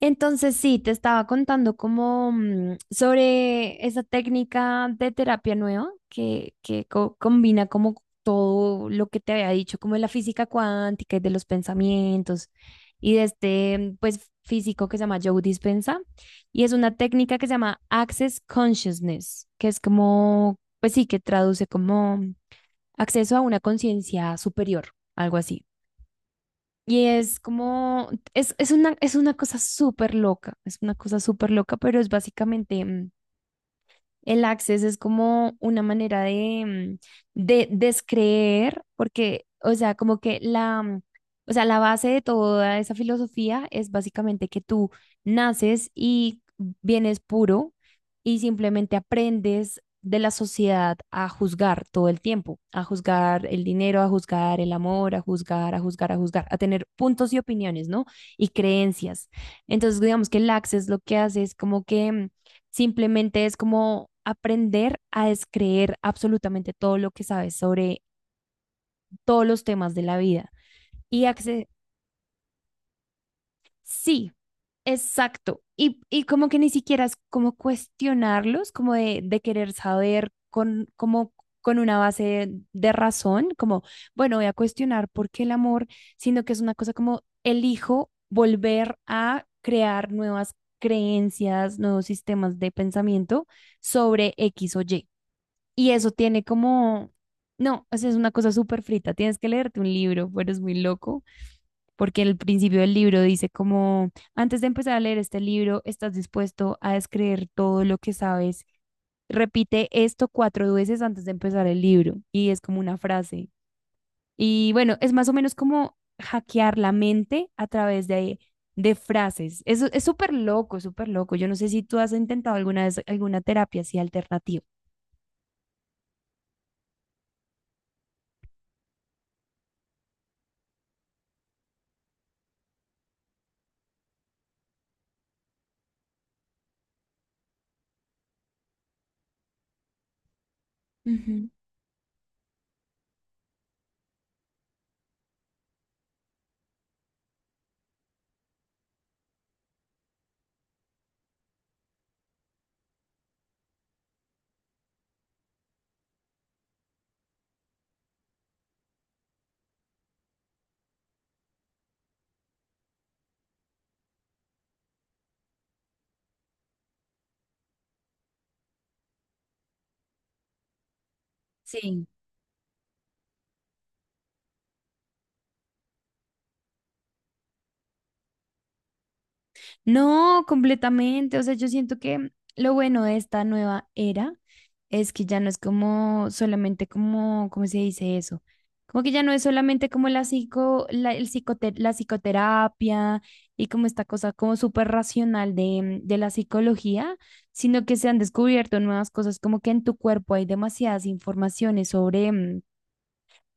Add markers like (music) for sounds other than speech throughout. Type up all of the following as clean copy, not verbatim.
Entonces sí, te estaba contando como sobre esa técnica de terapia nueva que combina como todo lo que te había dicho, como de la física cuántica y de los pensamientos y de este pues físico que se llama Joe Dispenza, y es una técnica que se llama Access Consciousness, que es como, pues sí, que traduce como acceso a una conciencia superior, algo así. Y es como, es una cosa súper loca, es una cosa súper loca, pero es básicamente, el access es como una manera de, de descreer, porque, o sea, como que o sea, la base de toda esa filosofía es básicamente que tú naces y vienes puro y simplemente aprendes de la sociedad a juzgar todo el tiempo, a juzgar el dinero, a juzgar el amor, a juzgar, a juzgar, a juzgar, a tener puntos y opiniones, ¿no? Y creencias. Entonces, digamos que el access lo que hace es como que simplemente es como aprender a descreer absolutamente todo lo que sabes sobre todos los temas de la vida. Y acce- sí, exacto. Y como que ni siquiera es como cuestionarlos, como de querer saber como con una base de razón, como, bueno, voy a cuestionar por qué el amor, sino que es una cosa como elijo volver a crear nuevas creencias, nuevos sistemas de pensamiento sobre X o Y. Y eso tiene como, no, o sea, es una cosa súper frita, tienes que leerte un libro, pero es muy loco, porque el principio del libro dice como, antes de empezar a leer este libro, estás dispuesto a descreer todo lo que sabes, repite esto 4 veces antes de empezar el libro, y es como una frase. Y bueno, es más o menos como hackear la mente a través de frases. Eso es súper loco, súper loco. Yo no sé si tú has intentado alguna vez alguna terapia así alternativa. Ujú. Sí. No, completamente. O sea, yo siento que lo bueno de esta nueva era es que ya no es como solamente como, ¿cómo se dice eso? Como que ya no es solamente como la la psicoterapia y como esta cosa como súper racional de la psicología, sino que se han descubierto nuevas cosas, como que en tu cuerpo hay demasiadas informaciones sobre,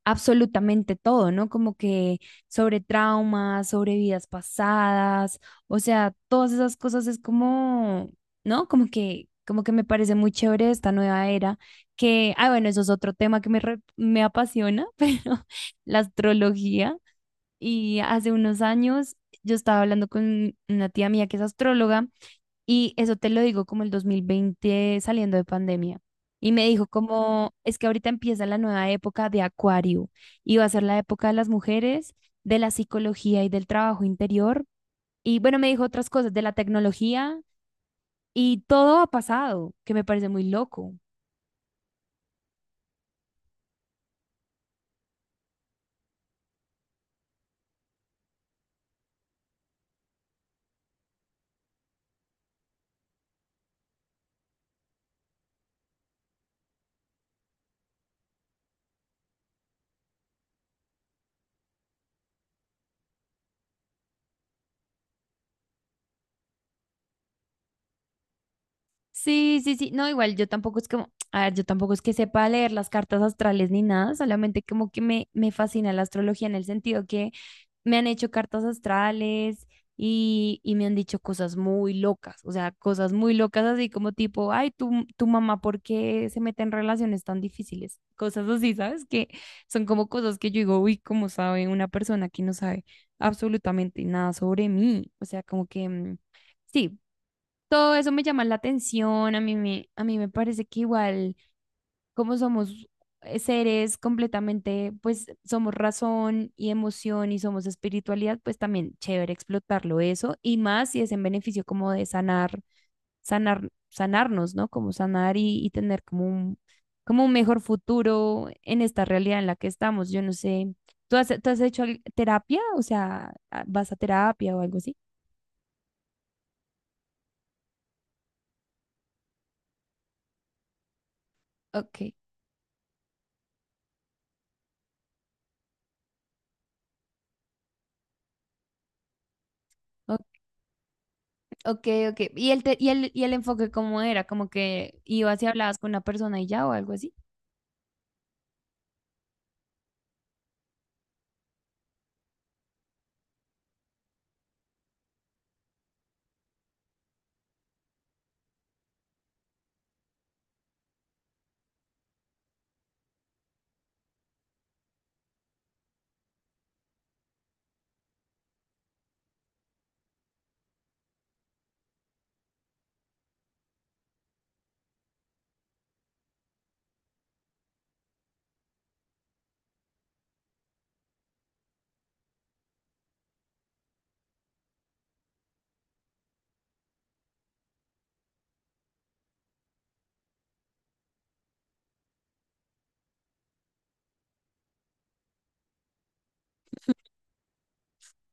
absolutamente todo, ¿no? Como que sobre traumas, sobre vidas pasadas, o sea, todas esas cosas es como, ¿no? Como como que me parece muy chévere esta nueva era, que, ah, bueno, eso es otro tema que me apasiona, (laughs) pero la astrología. Y hace unos años yo estaba hablando con una tía mía que es astróloga, y eso te lo digo como el 2020 saliendo de pandemia. Y me dijo como, es que ahorita empieza la nueva época de Acuario y va a ser la época de las mujeres, de la psicología y del trabajo interior. Y bueno, me dijo otras cosas de la tecnología y todo ha pasado, que me parece muy loco. Sí, sí, sí. No, igual yo tampoco es como, (tsk) a ver, yo tampoco es que sepa leer las cartas astrales ni nada, solamente como que me fascina la astrología en el sentido que me han hecho cartas astrales y me han dicho cosas muy locas, o sea, cosas muy locas así como tipo, ay, tu mamá, ¿por qué se mete en relaciones tan difíciles? Cosas así, ¿sabes? Que son como cosas que yo digo, uy, ¿cómo sabe una persona que no sabe absolutamente nada sobre mí? O sea, como que... mm, sí, todo eso me llama la atención, a a mí me parece que igual como somos seres completamente, pues somos razón y emoción y somos espiritualidad, pues también chévere explotarlo eso y más si es en beneficio como de sanar, sanar, sanarnos, ¿no? Como sanar y tener como como un mejor futuro en esta realidad en la que estamos. Yo no sé, tú has hecho terapia? O sea, ¿vas a terapia o algo así? Ok, ok, ok. ¿Y y y el enfoque cómo era? ¿Como que ibas y hablabas con una persona y ya o algo así?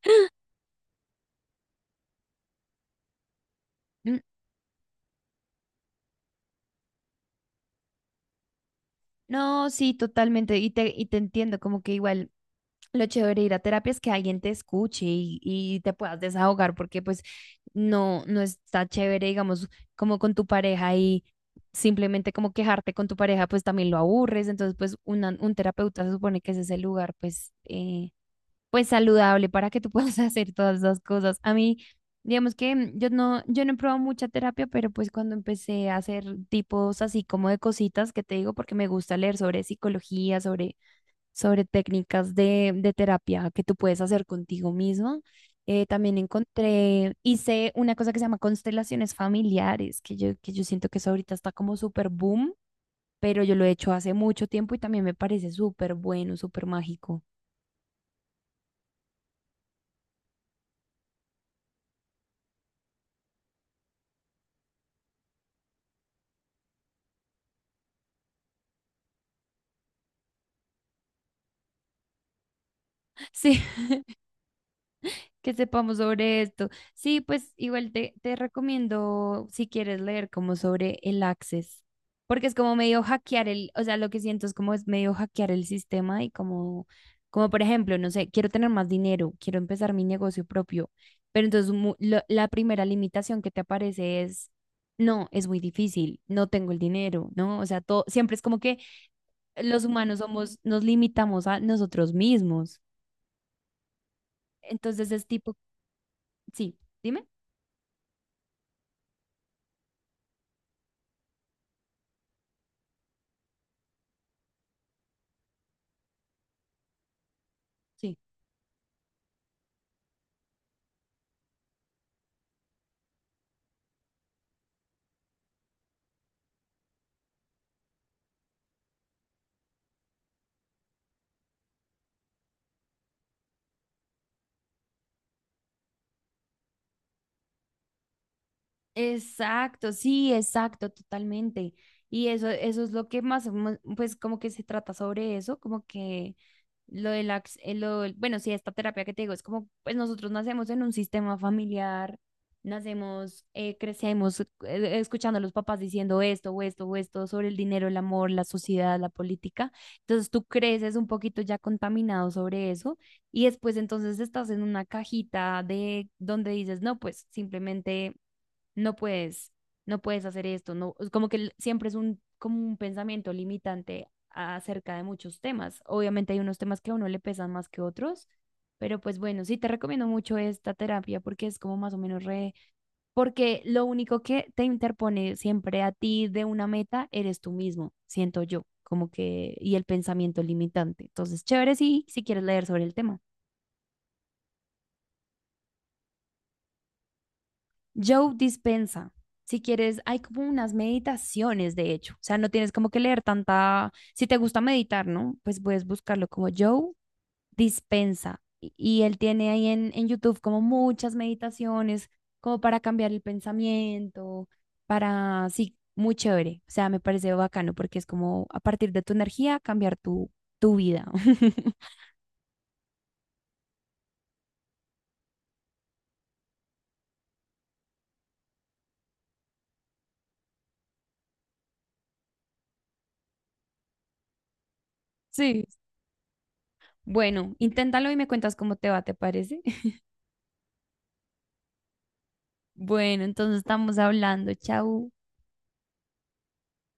(gasps) Mm, no, sí, totalmente. Y y te entiendo, como que igual lo chévere de ir a terapia es que alguien te escuche y te puedas desahogar, porque pues no, no está chévere, digamos, como con tu pareja y simplemente como quejarte con tu pareja, pues también lo aburres. Entonces, pues un terapeuta se supone que ese es el lugar, pues, pues saludable para que tú puedas (laughs) hacer todas las cosas. A mí, digamos que yo no he probado mucha terapia, pero pues cuando empecé a hacer tipos así como de cositas que te digo, porque me gusta leer sobre psicología, sobre, sobre técnicas de terapia que tú puedes hacer contigo mismo. Eh, también encontré, hice una cosa que se llama constelaciones familiares, que que yo siento que eso ahorita está como súper boom, pero yo lo he hecho hace mucho tiempo y también me parece súper bueno, súper mágico. (laughs) Sí, que sepamos sobre esto. Sí, pues igual te recomiendo si quieres leer como sobre el Access, porque es como medio hackear el, o sea, lo que siento es como es medio hackear el sistema y como, como por ejemplo, no sé, quiero tener más dinero, quiero empezar mi negocio propio, pero entonces la primera limitación que te aparece es... No, es muy difícil, no tengo el dinero, ¿no? O sea, todo, siempre es como que los humanos somos, nos limitamos a nosotros mismos. Entonces es tipo, sí, dime. Sí. Exacto, sí, exacto, totalmente. Y eso es lo que más, o pues como que se trata sobre eso, como que lo de la bueno, sí, esta terapia que te digo, es como, pues nosotros nacemos en un sistema familiar, nacemos, crecemos escuchando a los papás diciendo esto o esto o esto sobre el dinero, el amor, la sociedad, la política. Entonces tú creces un poquito ya contaminado sobre eso y después entonces estás en una cajita de donde dices, no, pues simplemente no puedes, no puedes hacer esto, no, es como que siempre es un, como un pensamiento limitante acerca de muchos temas. Obviamente hay unos temas que a uno le pesan más que otros, pero pues bueno, sí te recomiendo mucho esta terapia porque es como más o menos re, porque lo único que te interpone siempre a ti de una meta eres tú mismo, siento yo, como que, y el pensamiento limitante. Entonces, chévere si, si quieres leer sobre el tema. Joe Dispensa, si quieres, hay como unas meditaciones, de hecho. O sea, no tienes como que leer tanta... Si te gusta meditar, ¿no? Pues puedes buscarlo como Joe Dispensa, y él tiene ahí en YouTube como muchas meditaciones, como para cambiar el pensamiento, para... Sí, muy chévere. O sea, me parece bacano porque es como a partir de tu energía cambiar tu vida. (laughs) Sí. Bueno, inténtalo y me cuentas cómo te va, ¿te parece? (laughs) Bueno, entonces estamos hablando. Chau.